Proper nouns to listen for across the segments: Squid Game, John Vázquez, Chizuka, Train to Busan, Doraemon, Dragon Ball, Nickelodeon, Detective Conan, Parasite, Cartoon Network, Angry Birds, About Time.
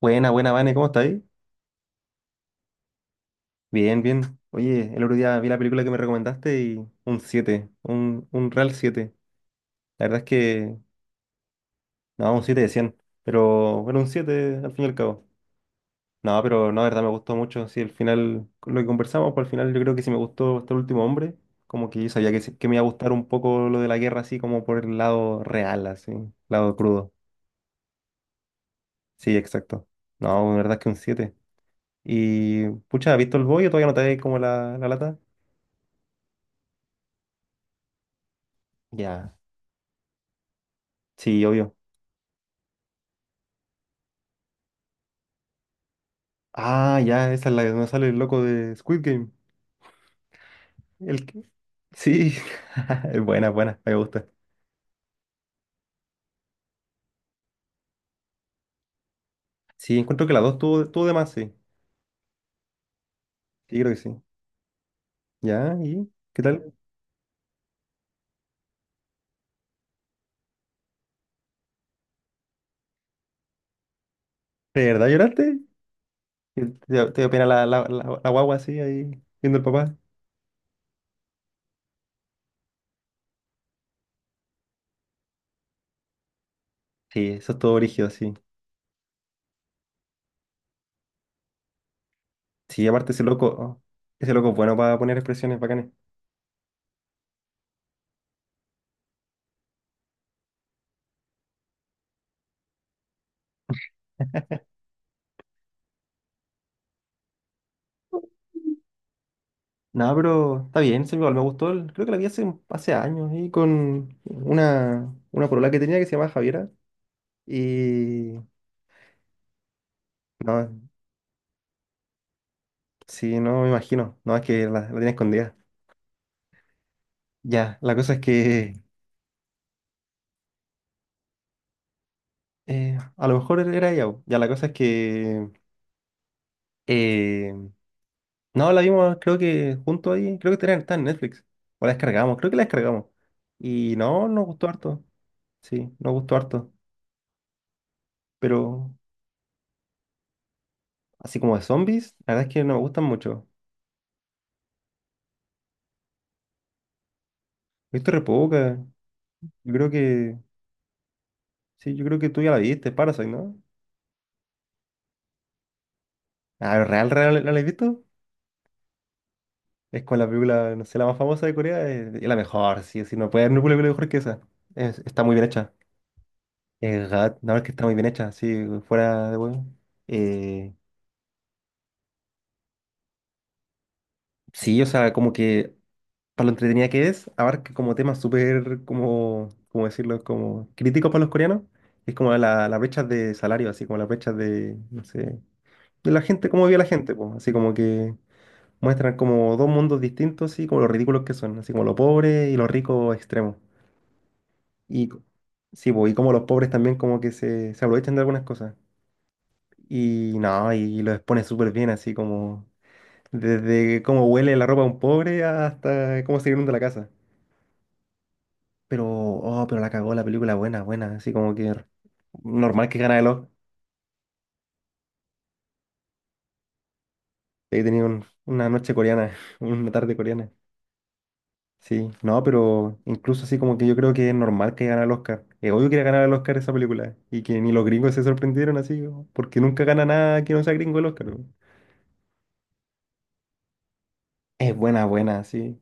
Buena, buena, Vane, ¿cómo estás ahí? Bien, bien. Oye, el otro día vi la película que me recomendaste y un 7 un real siete. La verdad es que, no, un 7 de cien, pero bueno, un 7 al fin y al cabo. No, pero no, la verdad me gustó mucho. Sí, al final, con lo que conversamos, pues al final yo creo que sí me gustó Hasta el último hombre. Como que yo sabía que, que me iba a gustar un poco lo de la guerra, así como por el lado real, así, lado crudo. Sí, exacto. No, la verdad es que un siete. Y, pucha, ¿has visto El boy o todavía no te da como la lata? Ya. Sí, obvio. Ah, ya, esa es la donde sale el loco de Squid Game. El... que- Sí, es buena, buena, me gusta. Sí, encuentro que la dos tuvo, de más, sí. Sí, creo que sí. ¿Ya? ¿Y qué tal? ¿De verdad lloraste? ¿Te, te dio pena la guagua así, ahí, viendo el papá? Sí, eso es todo brígido, sí. Sí, aparte ese loco es bueno para poner expresiones bacanes. No, pero está bien, sí, igual me gustó. Creo que la vi hace, hace años, ahí con una polola que tenía que se llamaba Javiera. Y... No, sí, no me imagino. No, es que la tenía escondida. Ya, la cosa es que a lo mejor era ella, po. Ya, la cosa es que eh, no la vimos, creo que junto ahí. Creo que está en Netflix. O la descargamos, creo que la descargamos. Y no, nos gustó harto. Sí, nos gustó harto. Pero así como de zombies, la verdad es que no me gustan mucho. He visto re poca. Yo creo que. Sí, yo creo que tú ya la viste, Parasite, ¿no? Ah, ¿real, real, la has visto? Es con la película, no sé, la más famosa de Corea, es la mejor, sí, sí, no puede haber una película mejor que esa. Está muy bien hecha. Gat, la verdad es que está muy bien hecha, sí, fuera de huevo. Eh, sí, o sea, como que para lo entretenida que es, abarca como temas súper, como, ¿cómo decirlo? Como críticos para los coreanos. Es como la brecha de salario, así como la brecha de, no sé, de la gente, cómo vive la gente, pues, así como que muestran como dos mundos distintos, así como los ridículos que son, así como los pobres y los ricos extremos. Y co- sí, pues, y como los pobres también como que se aprovechan de algunas cosas. Y no, y lo expone súper bien, así como desde cómo huele la ropa de un pobre hasta cómo se inunda la casa. Pero, oh, pero la cagó la película, buena, buena, así como que normal que gana el Oscar. He tenido una noche coreana, una tarde coreana. Sí, no, pero incluso así como que yo creo que es normal que gane el Oscar. Es obvio que iba a ganar el Oscar esa película. Y que ni los gringos se sorprendieron así, porque nunca gana nada que no sea gringo el Oscar. Es buena, buena, sí.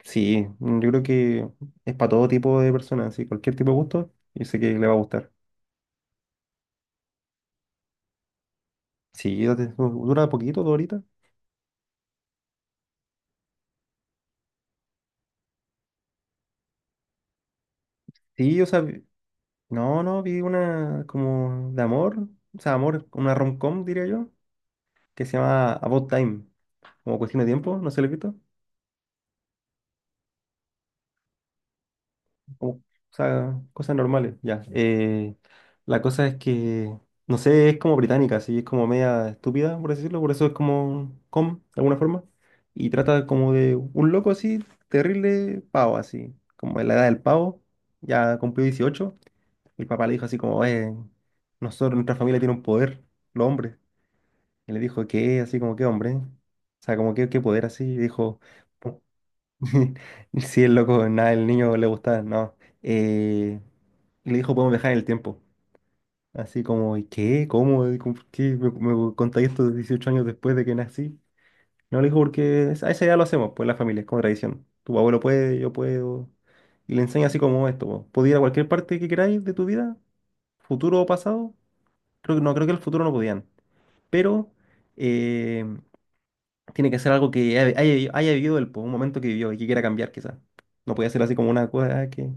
Sí, mm, yo creo que es para todo tipo de personas, sí, cualquier tipo de gusto, yo sé que le va a gustar. Sí, dura poquito, dos horitas. Sí, o sea, no, no, vi una como de amor, o sea, amor, una rom-com, diría yo, que se llama About Time, como cuestión de tiempo, no sé lo he visto. O sea, cosas normales, ya. La cosa es que, no sé, es como británica, así es como media estúpida, por decirlo, por eso es como com, de alguna forma, y trata como de un loco así, terrible pavo, así, como en la edad del pavo, ya cumplió 18. El papá le dijo así como, nosotros, nuestra familia tiene un poder, los hombres, y le dijo, ¿qué? Así como, ¿qué hombre? O sea, como, ¿qué, qué poder así? Sí, el loco, nada, el niño le gustaba, no. Eh, le dijo, podemos viajar en el tiempo. Así como, ¿y qué? ¿Cómo? ¿Por qué me, me contáis esto 18 años después de que nací? No, le dijo, a esa edad lo hacemos, pues en la familia, es como tradición. Tu abuelo puede, yo puedo. Y le enseña así como esto, po. Podía ir a cualquier parte que queráis de tu vida, futuro o pasado. Creo que no, creo que el futuro no podían. Pero eh, tiene que ser algo que haya haya vivido él, por un momento que vivió y que quiera cambiar, quizás. No puede ser así como una cosa que.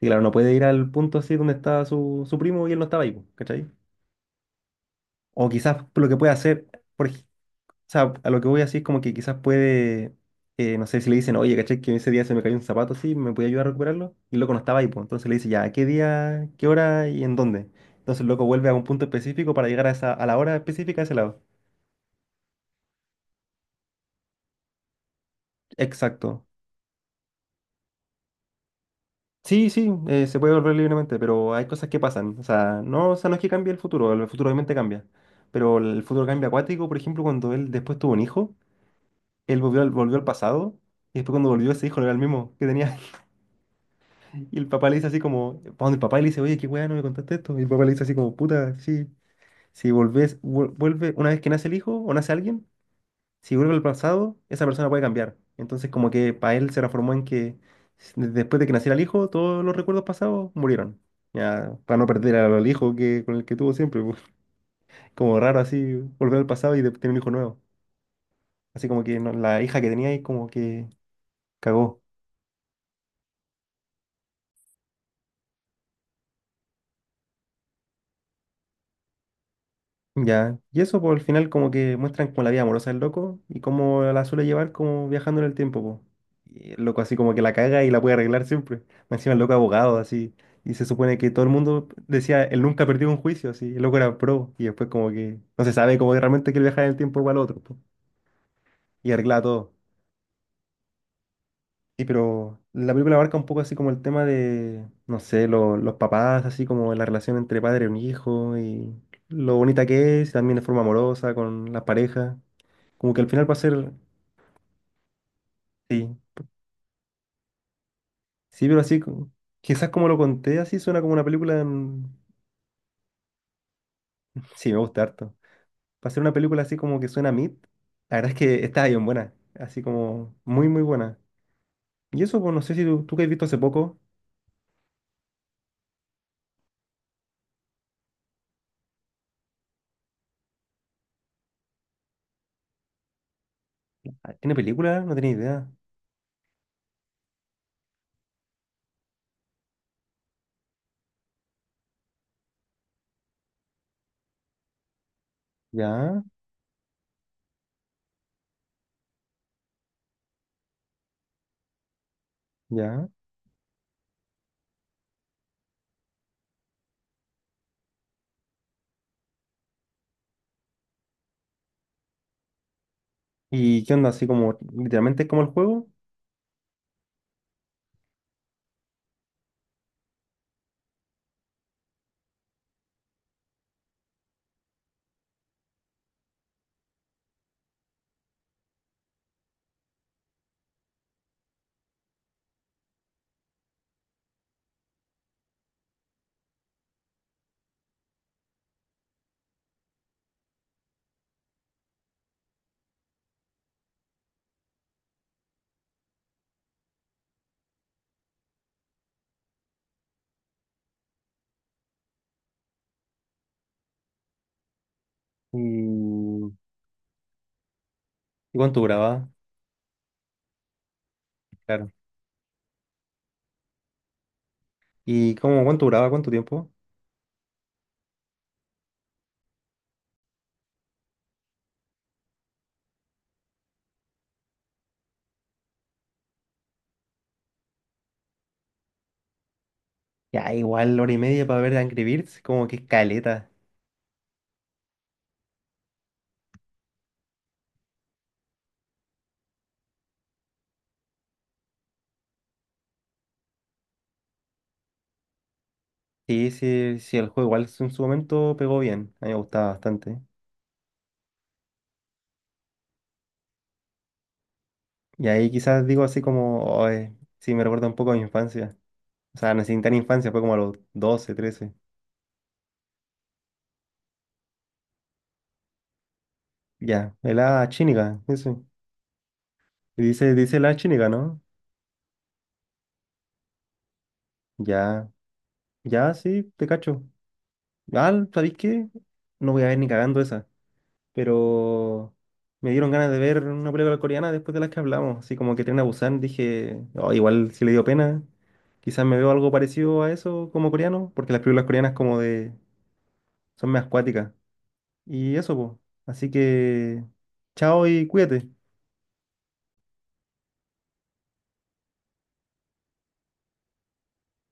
Sí, claro, no puede ir al punto así donde estaba su, su primo y él no estaba ahí, po, ¿cachai? O quizás lo que puede hacer, por, ej- o sea, a lo que voy así es como que quizás puede, no sé si le dicen, oye, ¿cachai? Que ese día se me cayó un zapato así, ¿me puede ayudar a recuperarlo? Y el loco no estaba ahí, pues. Entonces le dice, ya, ¿qué día, qué hora y en dónde? Entonces el loco vuelve a un punto específico para llegar a esa, a la hora específica a ese lado. Exacto. Sí, sí, se puede volver libremente, pero hay cosas que pasan. O sea, no es que cambie el futuro obviamente cambia. Pero el futuro cambia acuático, por ejemplo, cuando él después tuvo un hijo, él volvió al pasado, y después cuando volvió ese hijo no era el mismo que tenía. Y el papá le dice así como, pa' donde el papá y le dice, oye, qué weá, no me contaste esto. Y el papá le dice así como, puta, sí, si volvés, vuelve una vez que nace el hijo o nace alguien, si vuelve al pasado, esa persona puede cambiar. Entonces, como que para él se transformó en que después de que naciera el hijo, todos los recuerdos pasados murieron. Ya, para no perder al hijo que, con el que tuvo siempre, pues. Como raro así, volver al pasado y tener un hijo nuevo. Así como que la hija que tenía ahí como que cagó. Ya, y eso por el final como que muestran como la vida amorosa del loco y cómo la suele llevar como viajando en el tiempo, po. Y el loco así como que la caga y la puede arreglar siempre. Más encima el loco abogado así. Y se supone que todo el mundo decía, él nunca perdió un juicio, así. El loco era pro y después como que no se sabe como que realmente quiere viajar en el tiempo igual al otro, po, y arregla todo. Sí, pero la película abarca un poco así como el tema de, no sé, los papás, así como la relación entre padre y un hijo y lo bonita que es, también de forma amorosa con las parejas. Como que al final va a ser, sí, sí, pero así, quizás como lo conté, así suena como una película, sí, me gusta harto. Va a ser una película así como que suena a Mid. La verdad es que está bien buena, así como muy, muy buena. Y eso, pues no sé si tú, tú que has visto hace poco, ah, ¿tiene película? No tenía idea. Ya, ya. ¿Y qué onda? Así como, literalmente es como el juego. ¿Y, ¿Y cuánto duraba? Claro. ¿Y cómo, cuánto duraba? ¿Cuánto tiempo? Ya, igual hora y media para ver Angry Birds, como que es caleta. Sí, sí, sí, el juego igual en su momento pegó bien, a mí me gustaba bastante. Y ahí quizás digo así como, "Oh, sí, me recuerda un poco a mi infancia. O sea, no sin tan infancia, fue como a los 12, 13, ya, el la chínica, eso. Y dice, dice la chínica, ¿no? Ya, ya, sí, te cacho. Ah, ¿sabéis qué? No voy a ver ni cagando esa, pero me dieron ganas de ver una película coreana después de las que hablamos, así como que Tren a Busan, dije, "Oh, igual si le dio pena, quizás me veo algo parecido a eso como coreano, porque las películas coreanas como de, son más acuáticas, y eso, pues, así que, chao y cuídate.